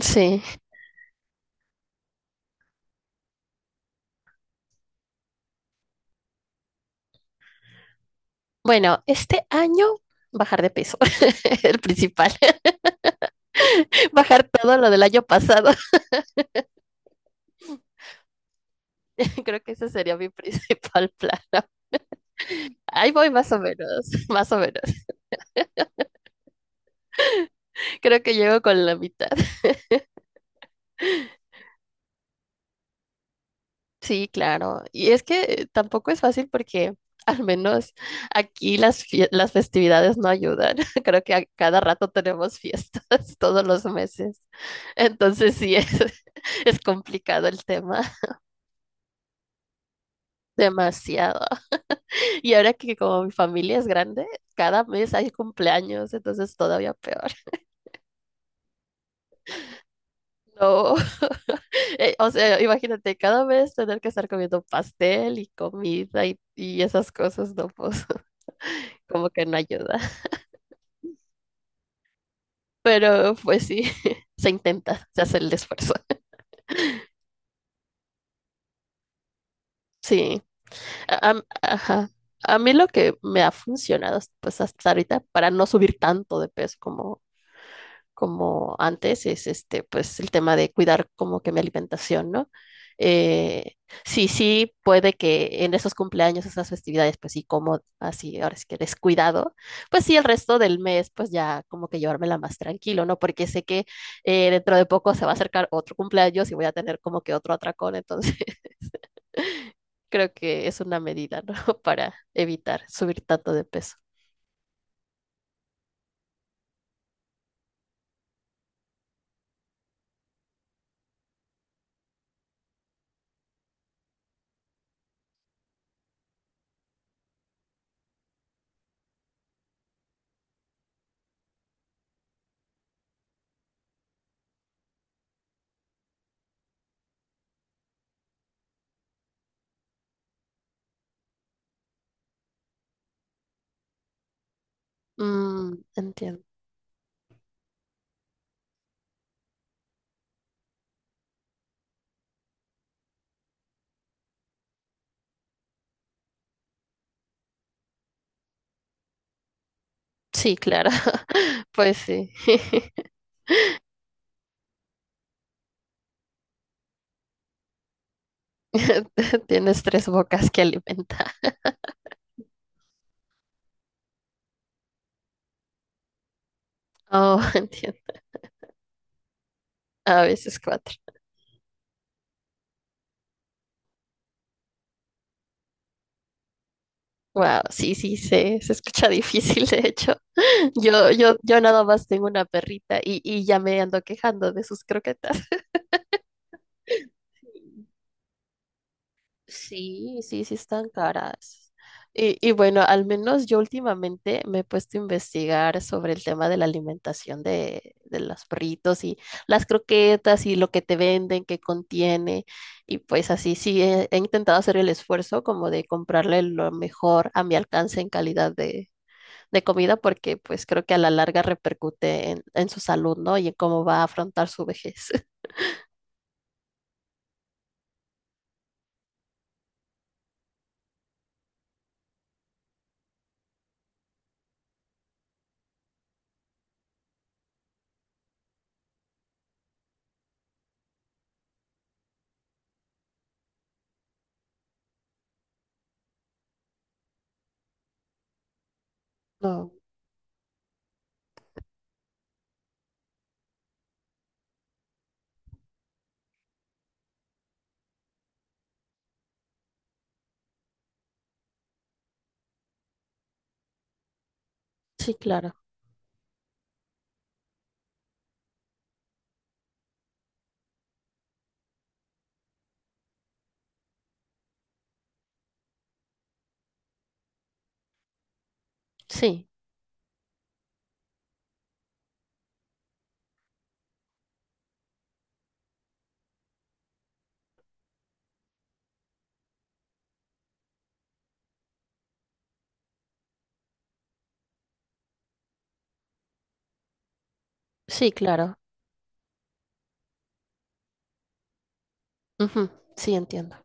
Sí. Bueno, este año bajar de peso, el principal. Bajar todo lo del año pasado. Creo que ese sería mi principal plan. Ahí voy más o menos, más o menos. Creo que llego con la mitad. Sí, claro. Y es que tampoco es fácil porque al menos aquí las festividades no ayudan. Creo que a cada rato tenemos fiestas todos los meses. Entonces sí, es complicado el tema. Demasiado. Y ahora que como mi familia es grande, cada mes hay cumpleaños, entonces todavía peor. No, o sea, imagínate cada mes tener que estar comiendo pastel y comida y esas cosas, no, pues como que no ayuda. Pero pues sí, se intenta, se hace el esfuerzo. Sí, ajá. A mí lo que me ha funcionado, pues hasta ahorita, para no subir tanto de peso como antes, es este, pues el tema de cuidar como que mi alimentación, ¿no? Eh, sí, sí, puede que en esos cumpleaños, esas festividades, pues sí, como así, ahora sí que descuidado, pues sí, el resto del mes, pues ya como que llevármela más tranquilo, ¿no? Porque sé que dentro de poco se va a acercar otro cumpleaños y voy a tener como que otro atracón, entonces creo que es una medida, ¿no? Para evitar subir tanto de peso. Mm, entiendo. Sí, claro, pues sí. Tienes tres bocas que alimentar. Oh, entiendo. A veces cuatro. Wow, sí, sí, se escucha difícil, de hecho. Yo nada más tengo una perrita y ya me ando quejando de sus croquetas. Sí, sí, sí están caras. Y bueno, al menos yo últimamente me he puesto a investigar sobre el tema de la alimentación de los perritos y las croquetas y lo que te venden, qué contiene. Y pues así sí he intentado hacer el esfuerzo como de comprarle lo mejor a mi alcance en calidad de comida porque pues creo que a la larga repercute en su salud, ¿no? Y en cómo va a afrontar su vejez. No, sí, claro. Sí, sí, claro. Ujú, sí, entiendo.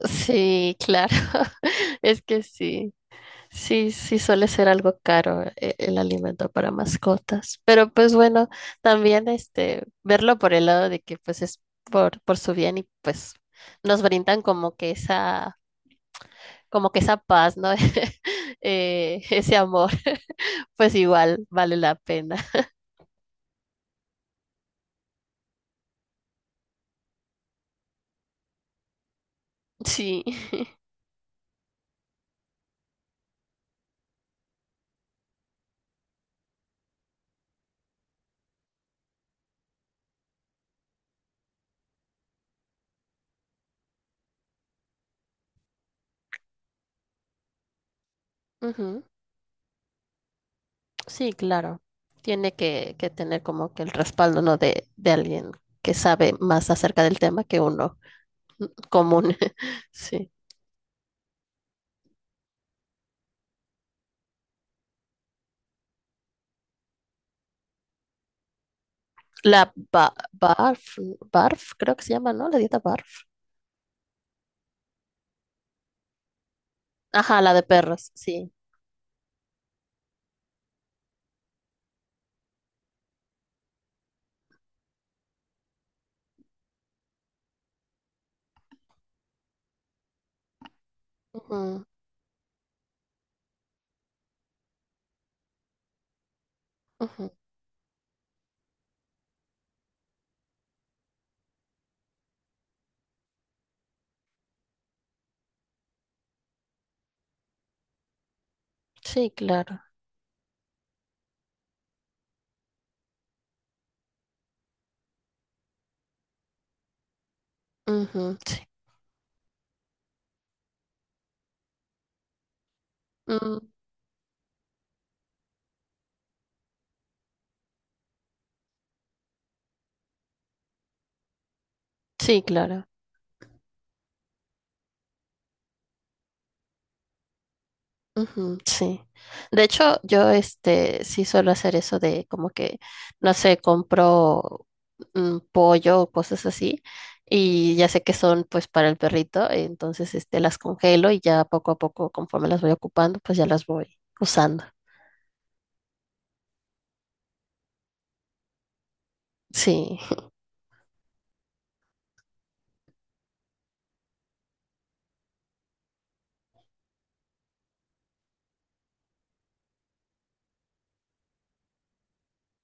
Sí, claro. Es que sí, sí, sí suele ser algo caro el alimento para mascotas. Pero pues bueno, también este verlo por el lado de que pues es por su bien y pues nos brindan como que esa paz, ¿no? Ese amor, pues igual vale la pena. Sí. Ujú. Sí, claro. Tiene que tener como que el respaldo, ¿no? De alguien que sabe más acerca del tema que uno. Común. Sí. Barf, barf, creo que se llama, ¿no? La dieta barf. Ajá, la de perros, sí. Ujú, ujú. Sí, claro. Ujú, sí. Mm, sí, claro. Ujú, sí. De hecho, yo este sí suelo hacer eso de como que, no sé, compro mm, pollo o cosas así. Y ya sé que son pues para el perrito, entonces este las congelo y ya poco a poco, conforme las voy ocupando, pues ya las voy usando. Sí.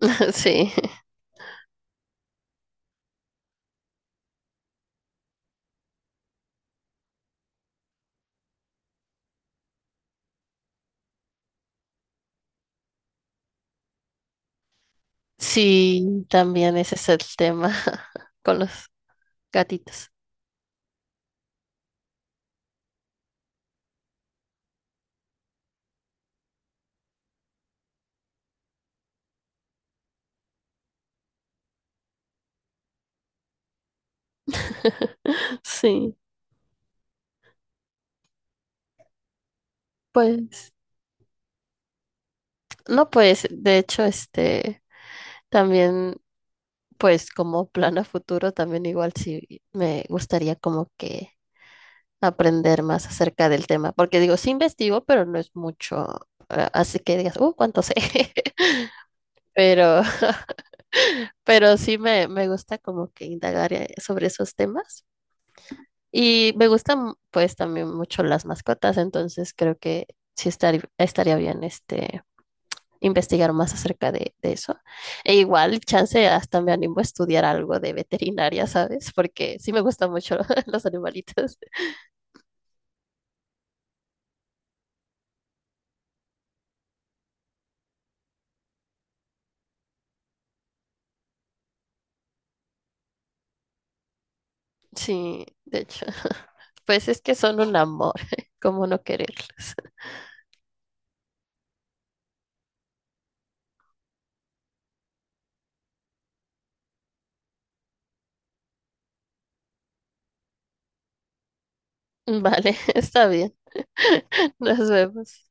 Sí, sí, también ese es el tema con los gatitos. Sí, pues, no, pues, de hecho, este, también, pues, como plan a futuro, también igual sí me gustaría como que aprender más acerca del tema, porque digo, sí investigo, pero no es mucho, así que digas, cuánto sé, pero, pero sí me gusta como que indagar sobre esos temas. Y me gustan pues también mucho las mascotas, entonces creo que sí estaría bien este investigar más acerca de eso. E igual, chance, hasta me animo a estudiar algo de veterinaria, ¿sabes? Porque sí me gustan mucho los animalitos. Sí, de hecho, pues es que son un amor, ¿cómo no quererlos? Vale, está bien. Nos vemos.